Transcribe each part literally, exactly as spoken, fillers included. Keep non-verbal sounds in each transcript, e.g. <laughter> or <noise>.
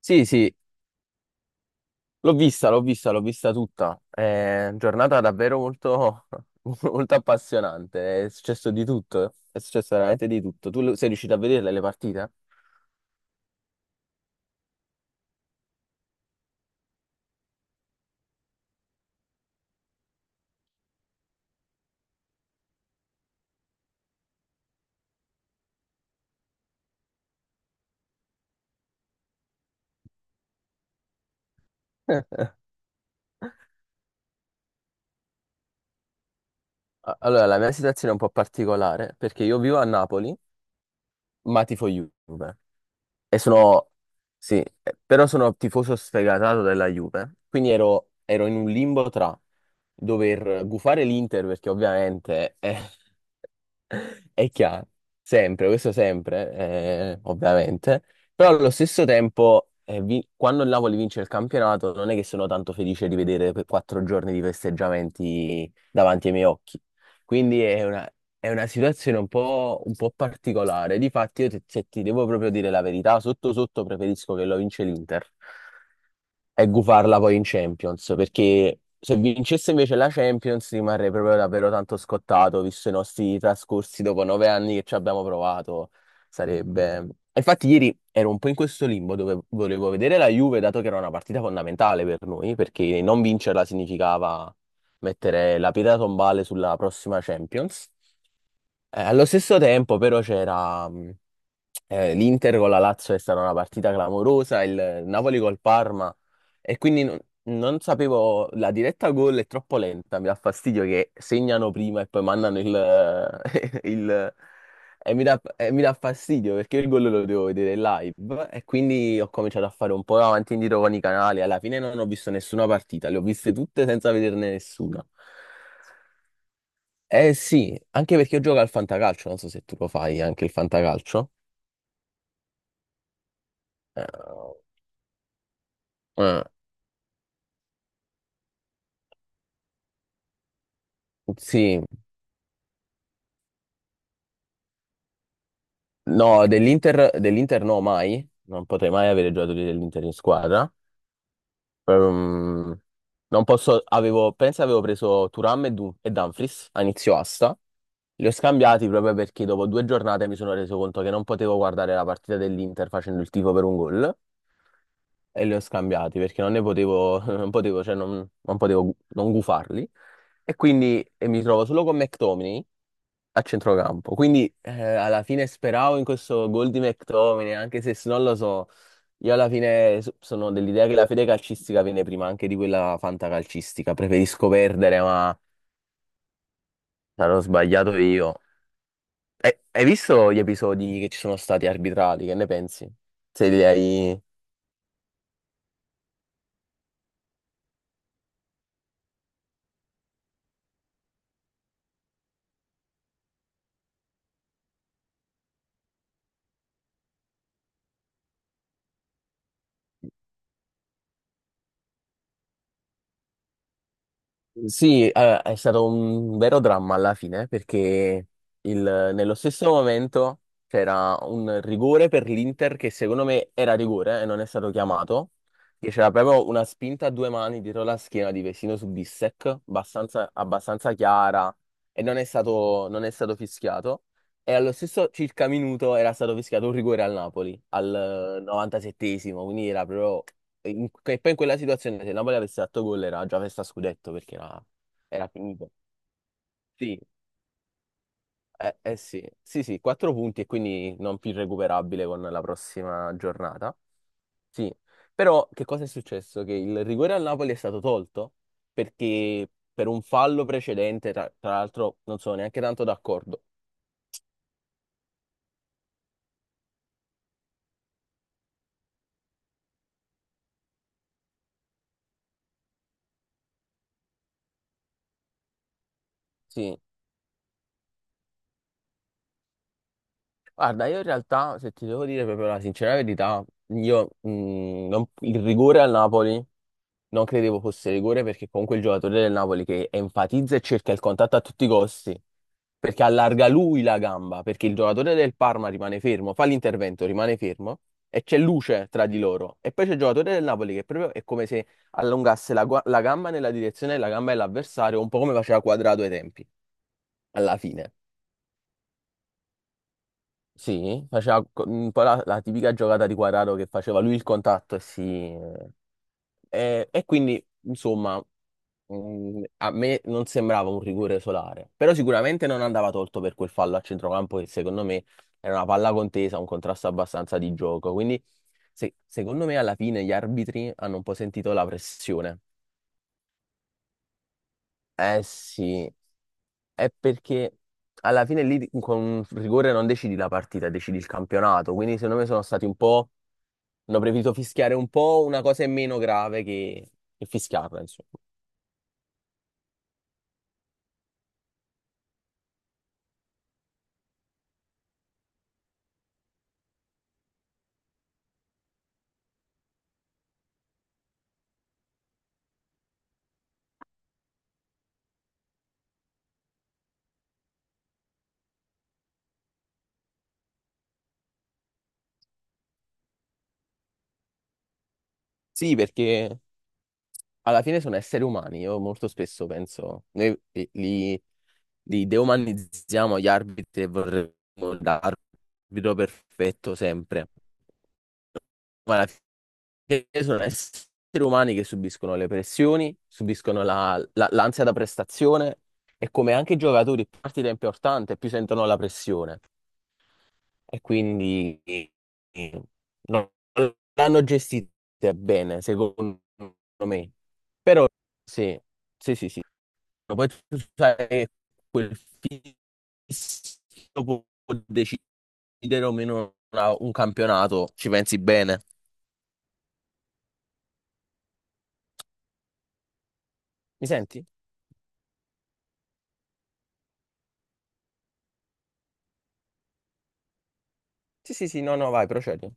Sì, sì, l'ho vista, l'ho vista, l'ho vista tutta. È giornata davvero molto, <laughs> molto appassionante. È successo di tutto, è successo veramente di tutto. Tu lo- sei riuscito a vederle le partite? A- Allora, la mia situazione è un po' particolare perché io vivo a Napoli, ma tifo Juve. E sono, sì, eh, però sono tifoso sfegatato della Juve. Quindi ero, ero in un limbo tra dover gufare l'Inter perché ovviamente... eh, È chiaro, sempre, questo sempre, eh, ovviamente, però allo stesso tempo, eh, vi- quando il Napoli vince il campionato, non è che sono tanto felice di vedere per quattro giorni di festeggiamenti davanti ai miei occhi. Quindi è una, è una situazione un po', un po' particolare. Difatti, io ti, se ti devo proprio dire la verità, sotto sotto preferisco che lo vince l'Inter e gufarla poi in Champions, perché se vincesse invece la Champions rimarrei proprio davvero tanto scottato, visto i nostri trascorsi dopo nove anni che ci abbiamo provato. Sarebbe... Infatti ieri ero un po' in questo limbo dove volevo vedere la Juve, dato che era una partita fondamentale per noi, perché non vincerla significava mettere la pietra tombale sulla prossima Champions. Eh, allo stesso tempo, però, c'era mh, eh, l'Inter con la Lazio, è stata una partita clamorosa, il Napoli col Parma, e quindi non, non sapevo, la diretta gol è troppo lenta, mi dà fastidio che segnano prima e poi mandano il, <laughs> il, e mi dà, e mi dà fastidio perché il gol lo devo vedere live e quindi ho cominciato a fare un po' avanti e indietro con i canali. Alla fine non ho visto nessuna partita, le ho viste tutte senza vederne nessuna. Eh sì, anche perché io gioco al fantacalcio, non so se tu lo fai anche il fantacalcio. Eh, eh, sì, no, dell'Inter dell'Inter no mai, non potrei mai avere giocatori dell'Inter in squadra. Ehm, non posso, avevo, penso avevo preso Thuram e, Dun- e Dumfries a inizio asta. Li ho scambiati proprio perché dopo due giornate mi sono reso conto che non potevo guardare la partita dell'Inter facendo il tifo per un gol e li ho scambiati perché non ne potevo, <laughs> non potevo, cioè non, non potevo gu- non gufarli. E quindi e mi trovo solo con McTominay a centrocampo. Quindi eh, alla fine speravo in questo gol di McTominay, anche se s- non lo so. Io alla fine so- sono dell'idea che la fede calcistica viene prima anche di quella fantacalcistica. Preferisco perdere, ma sarò sbagliato io. Eh, hai visto gli episodi che ci sono stati arbitrati? Che ne pensi? Se li hai... Sì, allora, è stato un vero dramma alla fine perché il- nello stesso momento c'era un rigore per l'Inter che secondo me era rigore e non è stato chiamato, che c'era proprio una spinta a due mani dietro la schiena di Vesino su Bissek, abbastanza, abbastanza chiara e non è stato, non è stato fischiato. E allo stesso circa minuto era stato fischiato un rigore al Napoli, al novantasettesimo, quindi era proprio in- e poi in quella situazione se il Napoli avesse fatto gol era già festa scudetto perché era, era finito. Sì, eh, eh sì, sì, sì, quattro punti e quindi non più recuperabile con la prossima giornata. Sì, però che cosa è successo? Che il rigore al Napoli è stato tolto perché per un fallo precedente, tra, tra l'altro non sono neanche tanto d'accordo. Sì, guarda, io in realtà, se ti devo dire proprio la sincera verità, io, mh, non- il rigore al Napoli non credevo fosse rigore perché comunque il giocatore del Napoli che enfatizza e cerca il contatto a tutti i costi, perché allarga lui la gamba, perché il giocatore del Parma rimane fermo, fa l'intervento, rimane fermo e c'è luce tra di loro. E poi c'è il giocatore del Napoli che proprio è come se allungasse la, gua- la gamba nella direzione della gamba dell'avversario, un po' come faceva Quadrato ai tempi, alla fine. Sì, faceva co- un po' la, la tipica giocata di Quadrato che faceva lui il contatto e si... E, e quindi, insomma... Mm, A me non sembrava un rigore solare, però sicuramente non andava tolto per quel fallo a centrocampo che secondo me era una palla contesa, un contrasto abbastanza di gioco. Quindi se- secondo me alla fine gli arbitri hanno un po' sentito la pressione. Eh sì, è perché alla fine lì di- con un rigore non decidi la partita, decidi il campionato. Quindi secondo me sono stati un po'... hanno preferito fischiare un po' una cosa in meno grave che, che fischiarla, insomma. Sì, perché... alla fine sono esseri umani. Io molto spesso penso, noi li, li deumanizziamo gli arbitri e vorremmo l'arbitro perfetto sempre. Ma alla fine sono esseri umani che subiscono le pressioni, subiscono la- la- l'ansia da prestazione e come anche i giocatori più partita è importante, più sentono la pressione e quindi eh, non l'hanno gestita bene, secondo me. Però sì, sì, sì, sì. Poi tu sai quel fisico può decidere o meno una- un campionato, ci pensi bene. Mi senti? Sì, sì, sì, no, no, vai, procedi.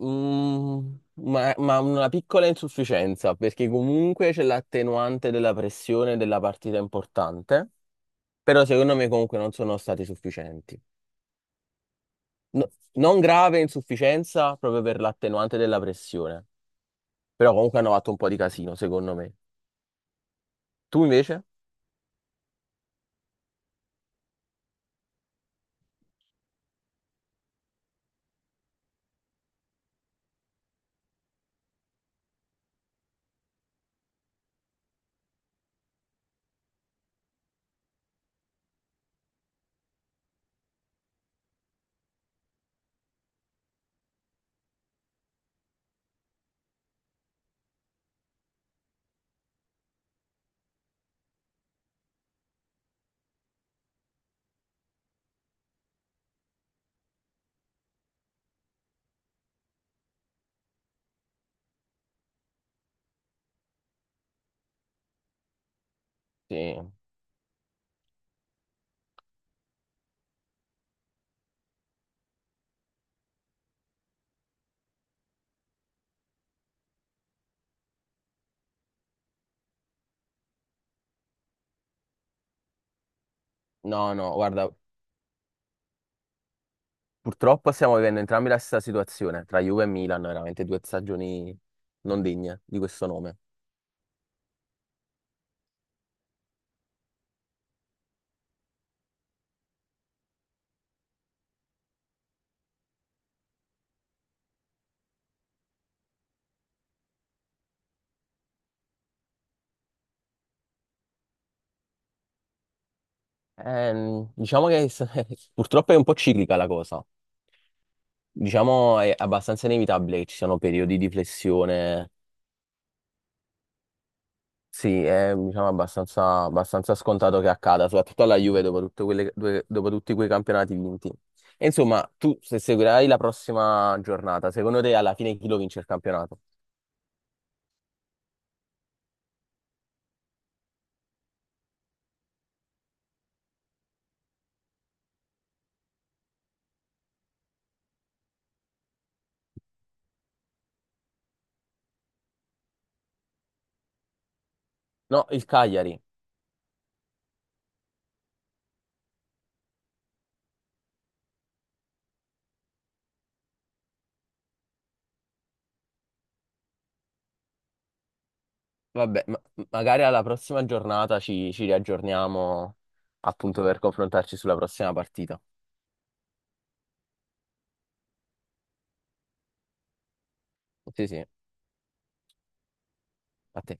Mm, ma, ma una piccola insufficienza, perché comunque c'è l'attenuante della pressione della partita importante. Però secondo me comunque non sono stati sufficienti. No- non grave insufficienza proprio per l'attenuante della pressione, però comunque hanno fatto un po' di casino, secondo me. Tu invece? Sì. No, no, guarda, purtroppo stiamo vivendo entrambi la stessa situazione, tra Juve e Milan, veramente due stagioni non degne di questo nome. Ehm, diciamo che s- <laughs> purtroppo è un po' ciclica la cosa. Diciamo è abbastanza inevitabile che ci siano periodi di flessione. Sì, è diciamo, abbastanza, abbastanza scontato che accada, soprattutto alla Juve dopo, tutte quelle- due- dopo tutti quei campionati vinti. E insomma, tu se seguirai la prossima giornata, secondo te alla fine chi lo vince il campionato? No, il Cagliari. Vabbè, ma- magari alla prossima giornata ci, ci riaggiorniamo appunto per confrontarci sulla prossima partita. Sì, sì, a te.